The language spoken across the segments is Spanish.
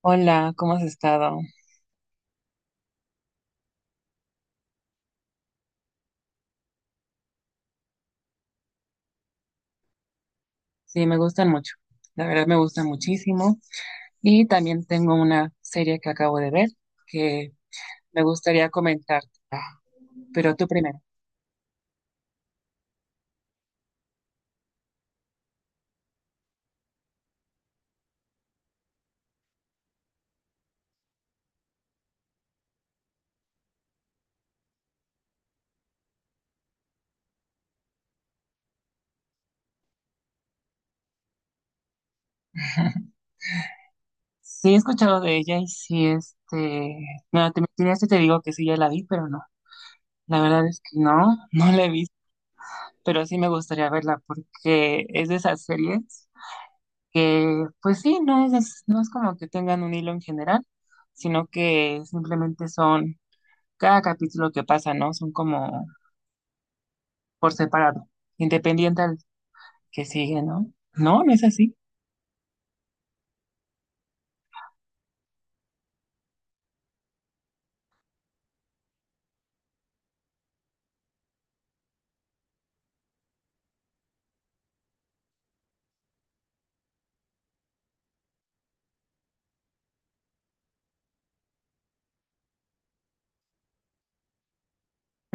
Hola, ¿cómo has estado? Sí, me gustan mucho. La verdad me gustan muchísimo. Y también tengo una serie que acabo de ver que me gustaría comentarte. Pero tú primero. Sí, he escuchado de ella y sí, No, te mentiría si te digo que sí, ya la vi, pero no. La verdad es que no, no la he visto. Pero sí me gustaría verla porque es de esas series que, pues sí, no es como que tengan un hilo en general, sino que simplemente son... cada capítulo que pasa, ¿no? Son como por separado, independiente al que sigue, ¿no? No, no es así.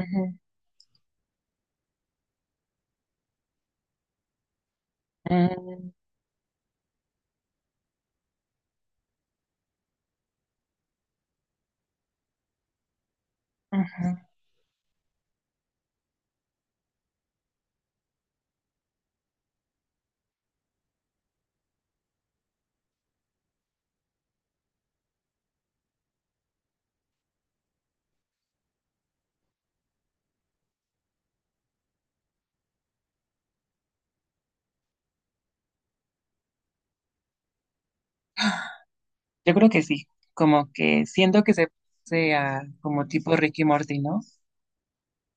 Ujú, mm, ujú. Yo creo que sí, como que siento que se sea como tipo Ricky Morty, ¿no?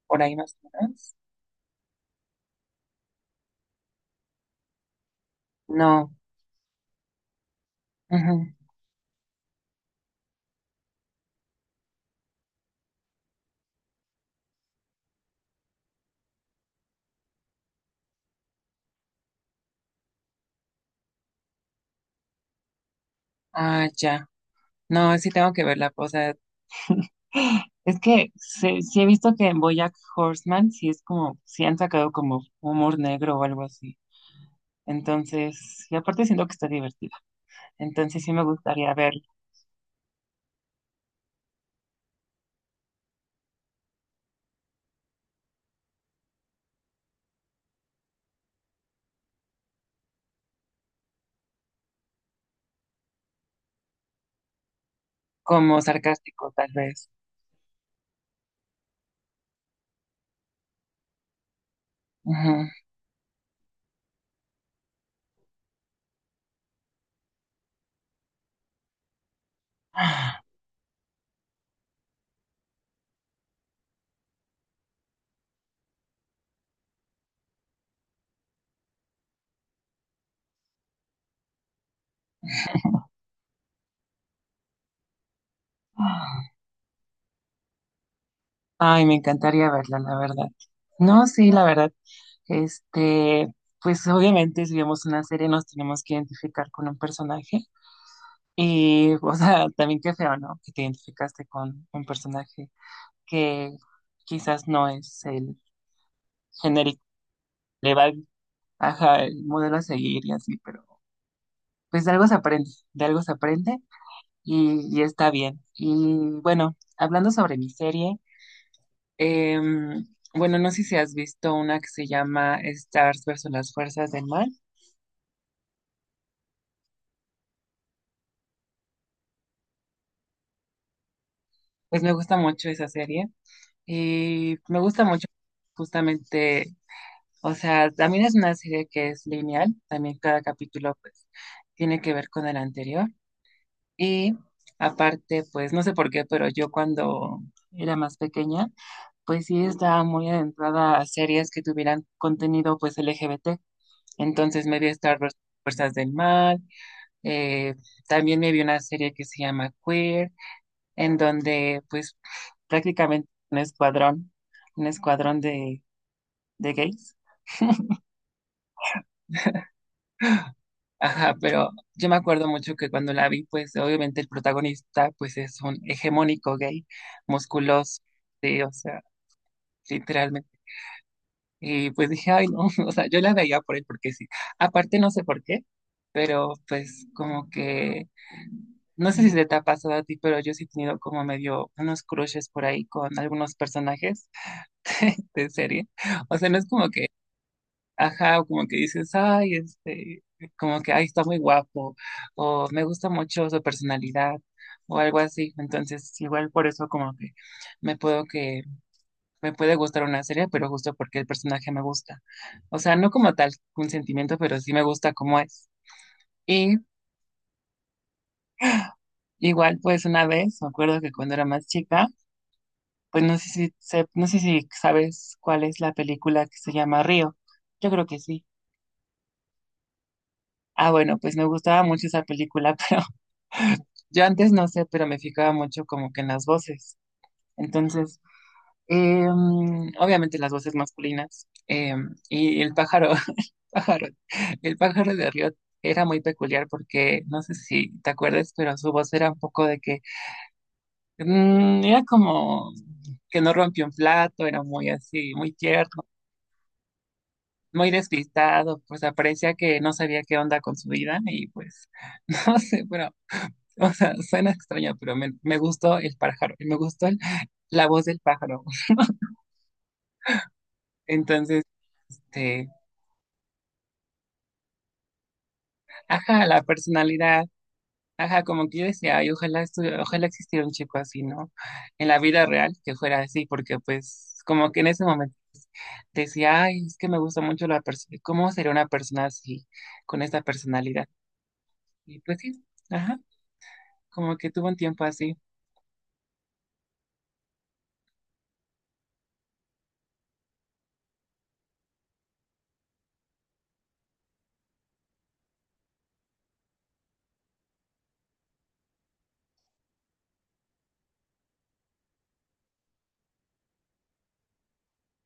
Por ahí más o menos. No. Ujú. Ah, ya. No, sí tengo que verla, o sea, es que sí, sí he visto que en BoJack Horseman sí es como, sí han sacado como humor negro o algo así. Entonces, y aparte siento que está divertida. Entonces sí me gustaría ver como sarcástico, tal vez. Ujú. Ay, me encantaría verla, la verdad. No, sí, la verdad. Este, pues obviamente si vemos una serie nos tenemos que identificar con un personaje. Y, o sea, también qué feo, ¿no? Que te identificaste con un personaje que quizás no es el genérico, le va, ajá, el modelo a seguir y así, pero pues de algo se aprende, de algo se aprende y está bien. Y bueno, hablando sobre mi serie, Em, bueno, no sé si has visto una que se llama Stars versus las fuerzas del mal. Pues me gusta mucho esa serie y me gusta mucho justamente, o sea, también es una serie que es lineal, también cada capítulo pues tiene que ver con el anterior y aparte pues no sé por qué, pero yo cuando era más pequeña pues sí estaba muy adentrada a series que tuvieran contenido pues LGBT, entonces me vi Star versus las fuerzas del mal. Eh, también me vi una serie que se llama Queer, en donde pues prácticamente un escuadrón de gays. Ajá, pero yo me acuerdo mucho que cuando la vi, pues obviamente el protagonista pues es un hegemónico gay, musculoso, sí, o sea, literalmente. Y pues dije, ay, no, o sea, yo la veía por él porque sí. Aparte, no sé por qué, pero pues como que, no sé si se te ha pasado a ti, pero yo sí he tenido como medio unos crushes por ahí con algunos personajes de serie. O sea, no es como que, ajá, o como que dices, ay, como que, ay, está muy guapo, o me gusta mucho su personalidad, o algo así. Entonces, igual por eso como que me puedo que me puede gustar una serie, pero justo porque el personaje me gusta. O sea, no como tal un sentimiento, pero sí me gusta cómo es. Y igual, pues una vez, me acuerdo que cuando era más chica, pues no sé si, no sé si sabes cuál es la película que se llama Río. Yo creo que sí. Ah, bueno, pues me gustaba mucho esa película, pero yo antes no sé, pero me fijaba mucho como que en las voces. Entonces, Eh, obviamente las voces masculinas. Y el pájaro, pájaro, el pájaro de Riot era muy peculiar porque, no sé si te acuerdas, pero su voz era un poco de que era como que no rompió un plato, era muy así, muy tierno, muy despistado, pues parecía que no sabía qué onda con su vida y pues, no sé, pero, o sea, suena extraño, pero me gustó el pájaro, la voz del pájaro. Entonces, este, ajá, la personalidad. Ajá, como que yo decía, ay, ojalá existiera un chico así, ¿no? En la vida real, que fuera así, porque pues como que en ese momento decía, ay, es que me gusta mucho la persona, ¿cómo sería una persona así, con esta personalidad? Y pues sí, ajá, como que tuvo un tiempo así.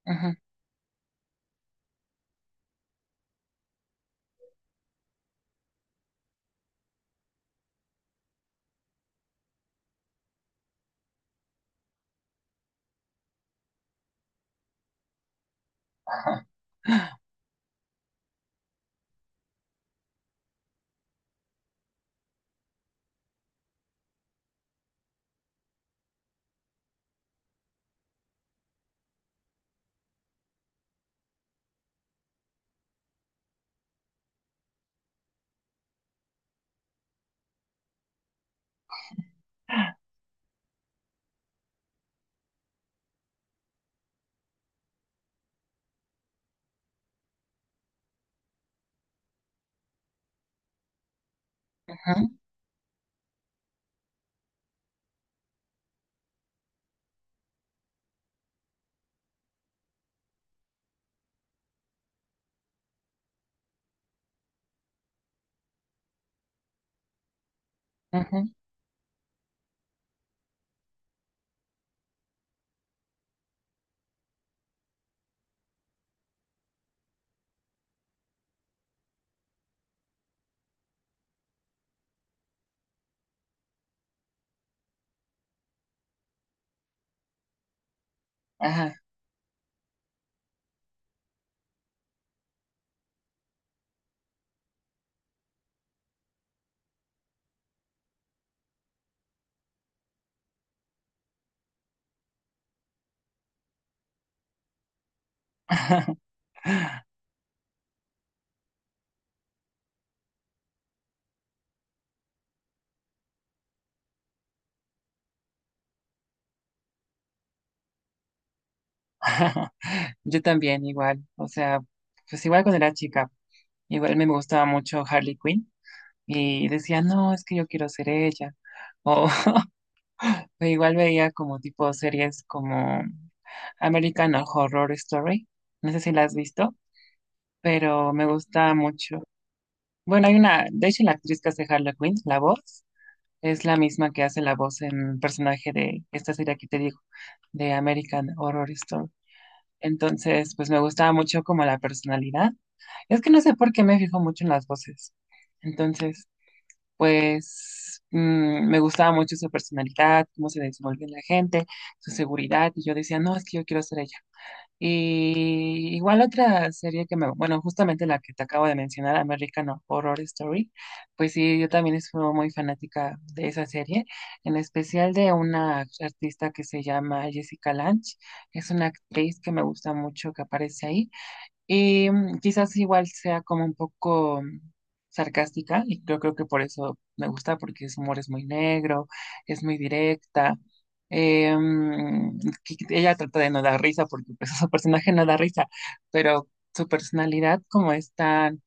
Ajá, ajá, ajá, ajá, Yo también, igual, o sea, pues igual cuando era chica, igual me gustaba mucho Harley Quinn. Y decía, no, es que yo quiero ser ella. O, o igual veía como tipo series como American Horror Story, no sé si la has visto, pero me gusta mucho. Bueno, hay una, de hecho la actriz que hace Harley Quinn, la voz, es la misma que hace la voz en el personaje de esta serie que te digo, de American Horror Story. Entonces, pues me gustaba mucho como la personalidad. Es que no sé por qué me fijo mucho en las voces. Entonces, pues me gustaba mucho su personalidad, cómo se desenvuelve en la gente, su seguridad, y yo decía, no, es que yo quiero ser ella. Y igual otra serie que me, bueno, justamente la que te acabo de mencionar, American Horror Story, pues sí, yo también soy muy fanática de esa serie, en especial de una artista que se llama Jessica Lange, es una actriz que me gusta mucho que aparece ahí, y quizás igual sea como un poco sarcástica, y yo creo que por eso me gusta, porque su humor es muy negro, es muy directa. Eh, mm, que ella trata de no dar risa, porque pues, su personaje no da risa, pero su personalidad como es tan,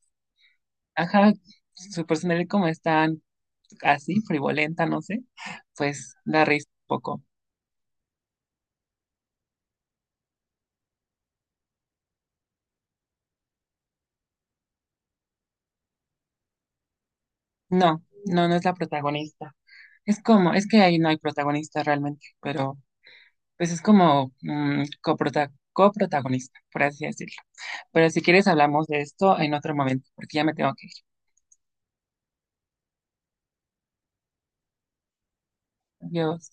ajá, su personalidad como es tan así, frivolenta, no sé, pues da risa un poco. No, no, no es la protagonista. Es como, es que ahí no hay protagonista realmente, pero pues es como coprotagonista, por así decirlo. Pero si quieres hablamos de esto en otro momento, porque ya me tengo que ir. Adiós.